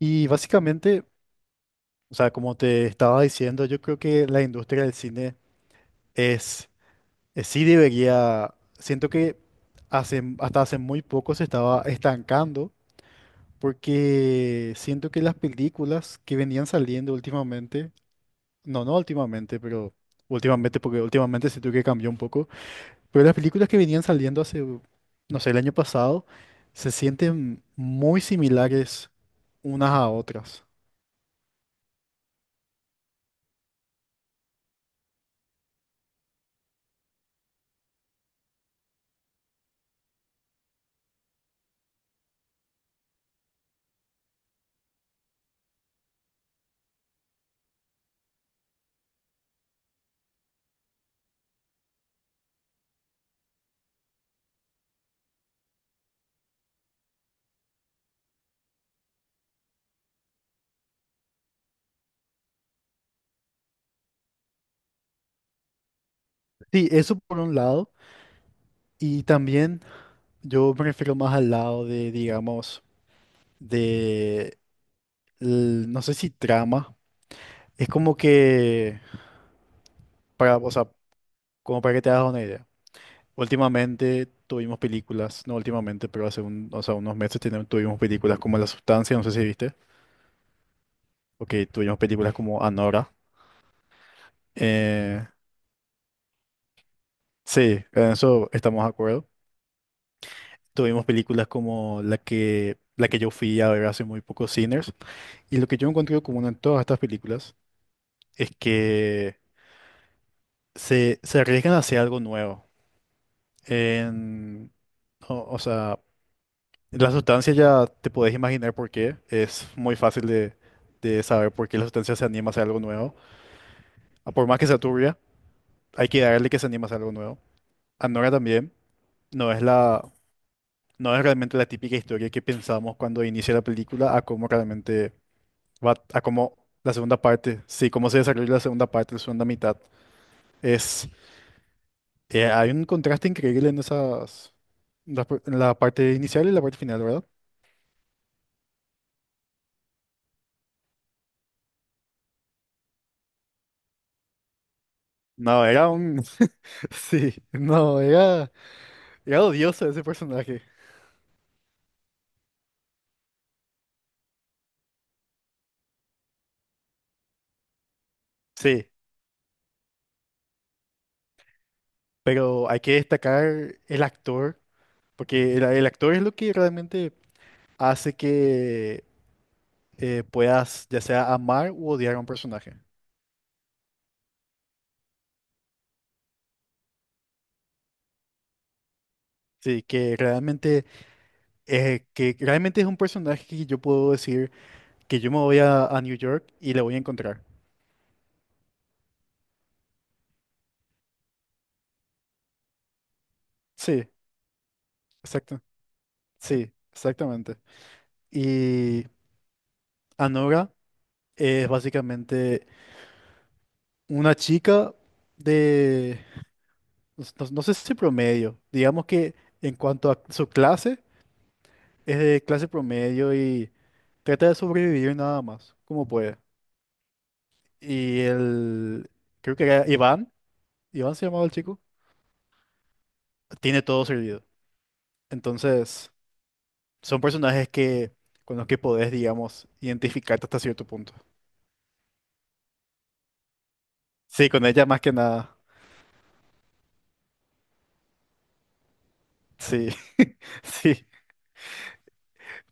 Y básicamente, o sea, como te estaba diciendo, yo creo que la industria del cine es, sí debería. Siento que hace, hasta hace muy poco se estaba estancando, porque siento que las películas que venían saliendo últimamente, no, no últimamente, pero últimamente, porque últimamente siento que cambió un poco, pero las películas que venían saliendo hace, no sé, el año pasado, se sienten muy similares unas a otras. Sí, eso por un lado. Y también, yo me refiero más al lado de, digamos, de, no sé si trama. Es como que, para, o sea, como para que te hagas una idea. Últimamente tuvimos películas, no últimamente, pero hace un, o sea, unos meses tuvimos películas como La Sustancia, no sé si viste. Ok, tuvimos películas como Anora. Eh, sí, en eso estamos de acuerdo. Tuvimos películas como la que yo fui a ver hace muy poco, Sinners. Y lo que yo encontré común en todas estas películas es que se arriesgan hacia algo nuevo. En- o sea, la sustancia ya te podés imaginar por qué. Es muy fácil de saber por qué la sustancia se anima hacia algo nuevo. Ah, por más que sea turbia, hay que darle que se anima hacia algo nuevo. Anora también no es la, no es realmente la típica historia que pensamos cuando inicia la película, a cómo realmente va, a cómo la segunda parte, sí, cómo se desarrolla la segunda parte, la segunda mitad. Es Hay un contraste increíble en la parte inicial y la parte final, ¿verdad? No, sí, no, era odioso ese personaje. Sí, pero hay que destacar el actor, porque el actor es lo que realmente hace que puedas ya sea amar u odiar a un personaje. Sí, que realmente es un personaje que yo puedo decir que yo me voy a New York y le voy a encontrar. Sí, exacto. Sí, exactamente. Y Anora es básicamente una chica de, no sé si promedio, digamos que, en cuanto a su clase, es de clase promedio y trata de sobrevivir nada más, como puede. Y creo que era Iván, se llamaba el chico, tiene todo servido. Entonces, son personajes que, con los que podés, digamos, identificarte hasta cierto punto. Sí, con ella más que nada, sí, sí,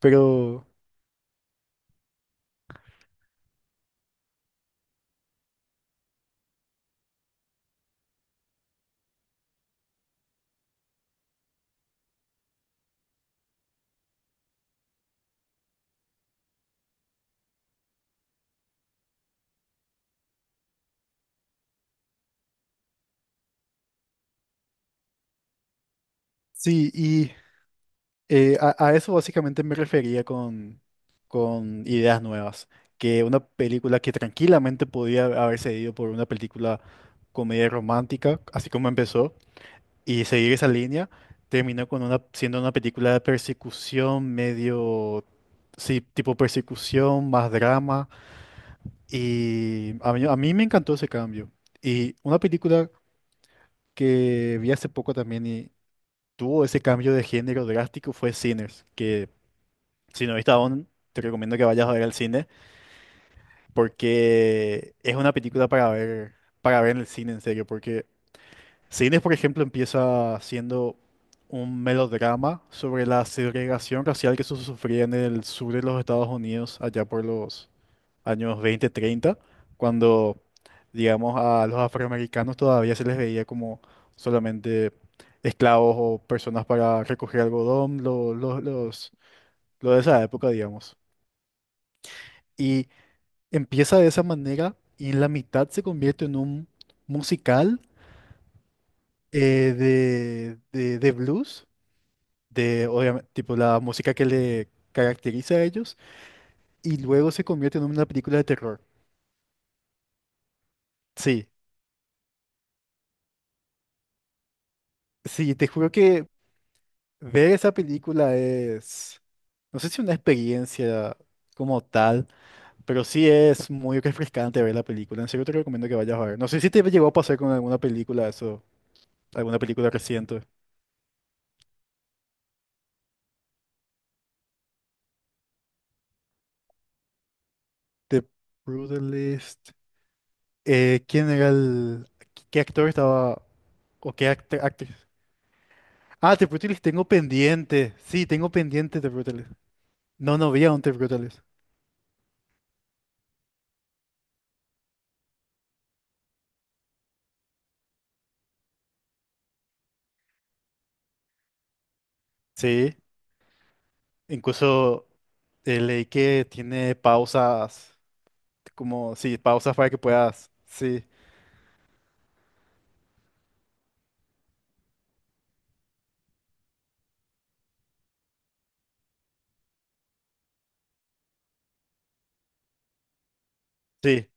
pero... Sí, y a eso básicamente me refería con ideas nuevas, que una película que tranquilamente podía haberse ido por una película comedia romántica, así como empezó, y seguir esa línea, terminó con una, siendo una película de persecución medio, sí, tipo persecución, más drama, y a mí me encantó ese cambio. Y una película que vi hace poco también y tuvo ese cambio de género drástico fue Sinners, que... Si no viste aún, te recomiendo que vayas a ver al cine, porque es una película para ver en el cine, en serio. Porque Cines, por ejemplo, empieza siendo un melodrama sobre la segregación racial que se sufría en el sur de los Estados Unidos allá por los años 20, 30, cuando, digamos, a los afroamericanos todavía se les veía como solamente esclavos o personas para recoger algodón, lo de esa época, digamos. Y empieza de esa manera y en la mitad se convierte en un musical, de blues, de, obviamente, tipo la música que le caracteriza a ellos, y luego se convierte en una película de terror. Sí, sí, te juro que ver esa película es, no sé si una experiencia como tal, pero sí es muy refrescante ver la película. En serio te recomiendo que vayas a ver. No sé si te llegó a pasar con alguna película eso, alguna película reciente. The Brutalist. ¿Quién era el? ¿Qué actor estaba o qué actriz? Ah, Te Brutales, tengo pendiente. Sí, tengo pendiente Te Brutales. No, no vi aún Te Brutales. Sí, incluso leí que tiene pausas, como, sí, pausas para que puedas. Sí, sí.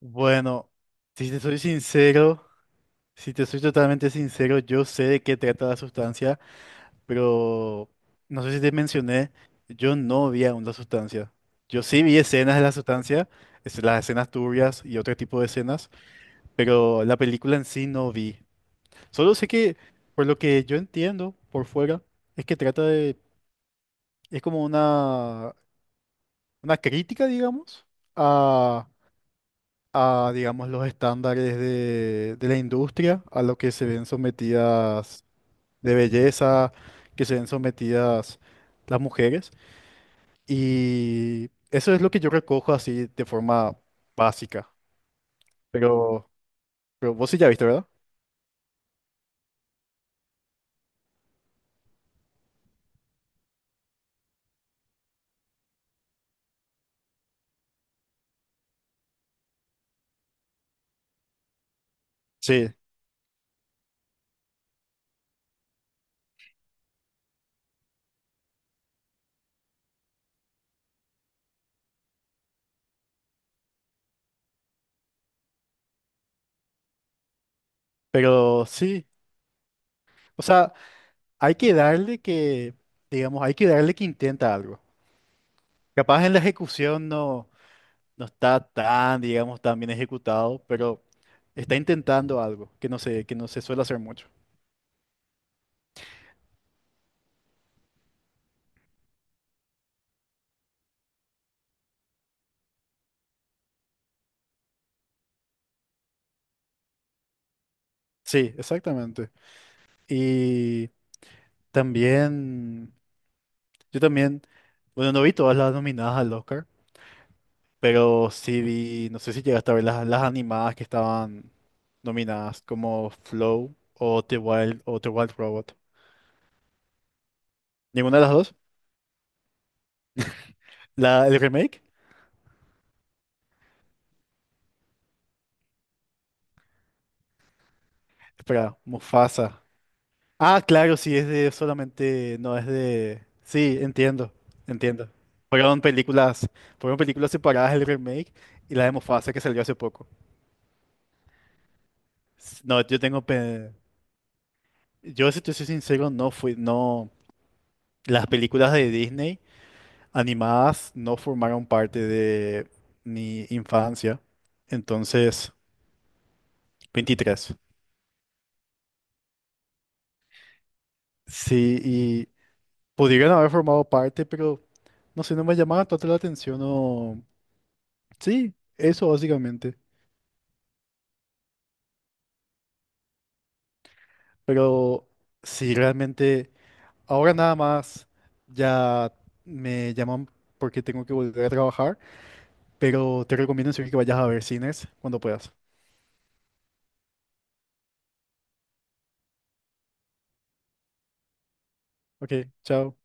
Bueno, si te soy sincero, si te soy totalmente sincero, yo sé de qué trata la sustancia. Pero no sé si te mencioné, yo no vi aún la sustancia. Yo sí vi escenas de la sustancia, las escenas turbias y otro tipo de escenas, pero la película en sí no vi. Solo sé que, por lo que yo entiendo por fuera, es que es como una crítica, digamos, a, a, digamos, los estándares de la industria, a lo que se ven sometidas de belleza, que se ven sometidas las mujeres. Y eso es lo que yo recojo así de forma básica. Pero, pero, vos sí ya viste, ¿verdad? Sí, pero sí. O sea, hay que darle que, digamos, hay que darle que intenta algo. Capaz en la ejecución no, no está tan, digamos, tan bien ejecutado, pero está intentando algo que no se suele hacer mucho. Sí, exactamente. Y también, yo también, bueno, no vi todas las nominadas al Oscar. Pero sí vi, no sé si llegaste a ver las animadas que estaban nominadas como Flow o The Wild Robot. ¿Ninguna de las dos? ¿La, el remake? Espera, Mufasa. Ah, claro, sí, es de solamente, no es de. Sí, entiendo, entiendo. Fueron películas, fueron películas, separadas el remake y la de Mufasa que salió hace poco. No, yo tengo. Yo, si te soy sincero, no fui, no. Las películas de Disney animadas no formaron parte de mi infancia. Entonces, 23. Sí, y pudieron haber formado parte, pero no sé, no me llamaba tanto la atención o. Sí, eso básicamente. Pero sí, realmente, ahora nada más ya me llaman porque tengo que volver a trabajar, pero te recomiendo en serio que vayas a ver cines cuando puedas. Ok, chao.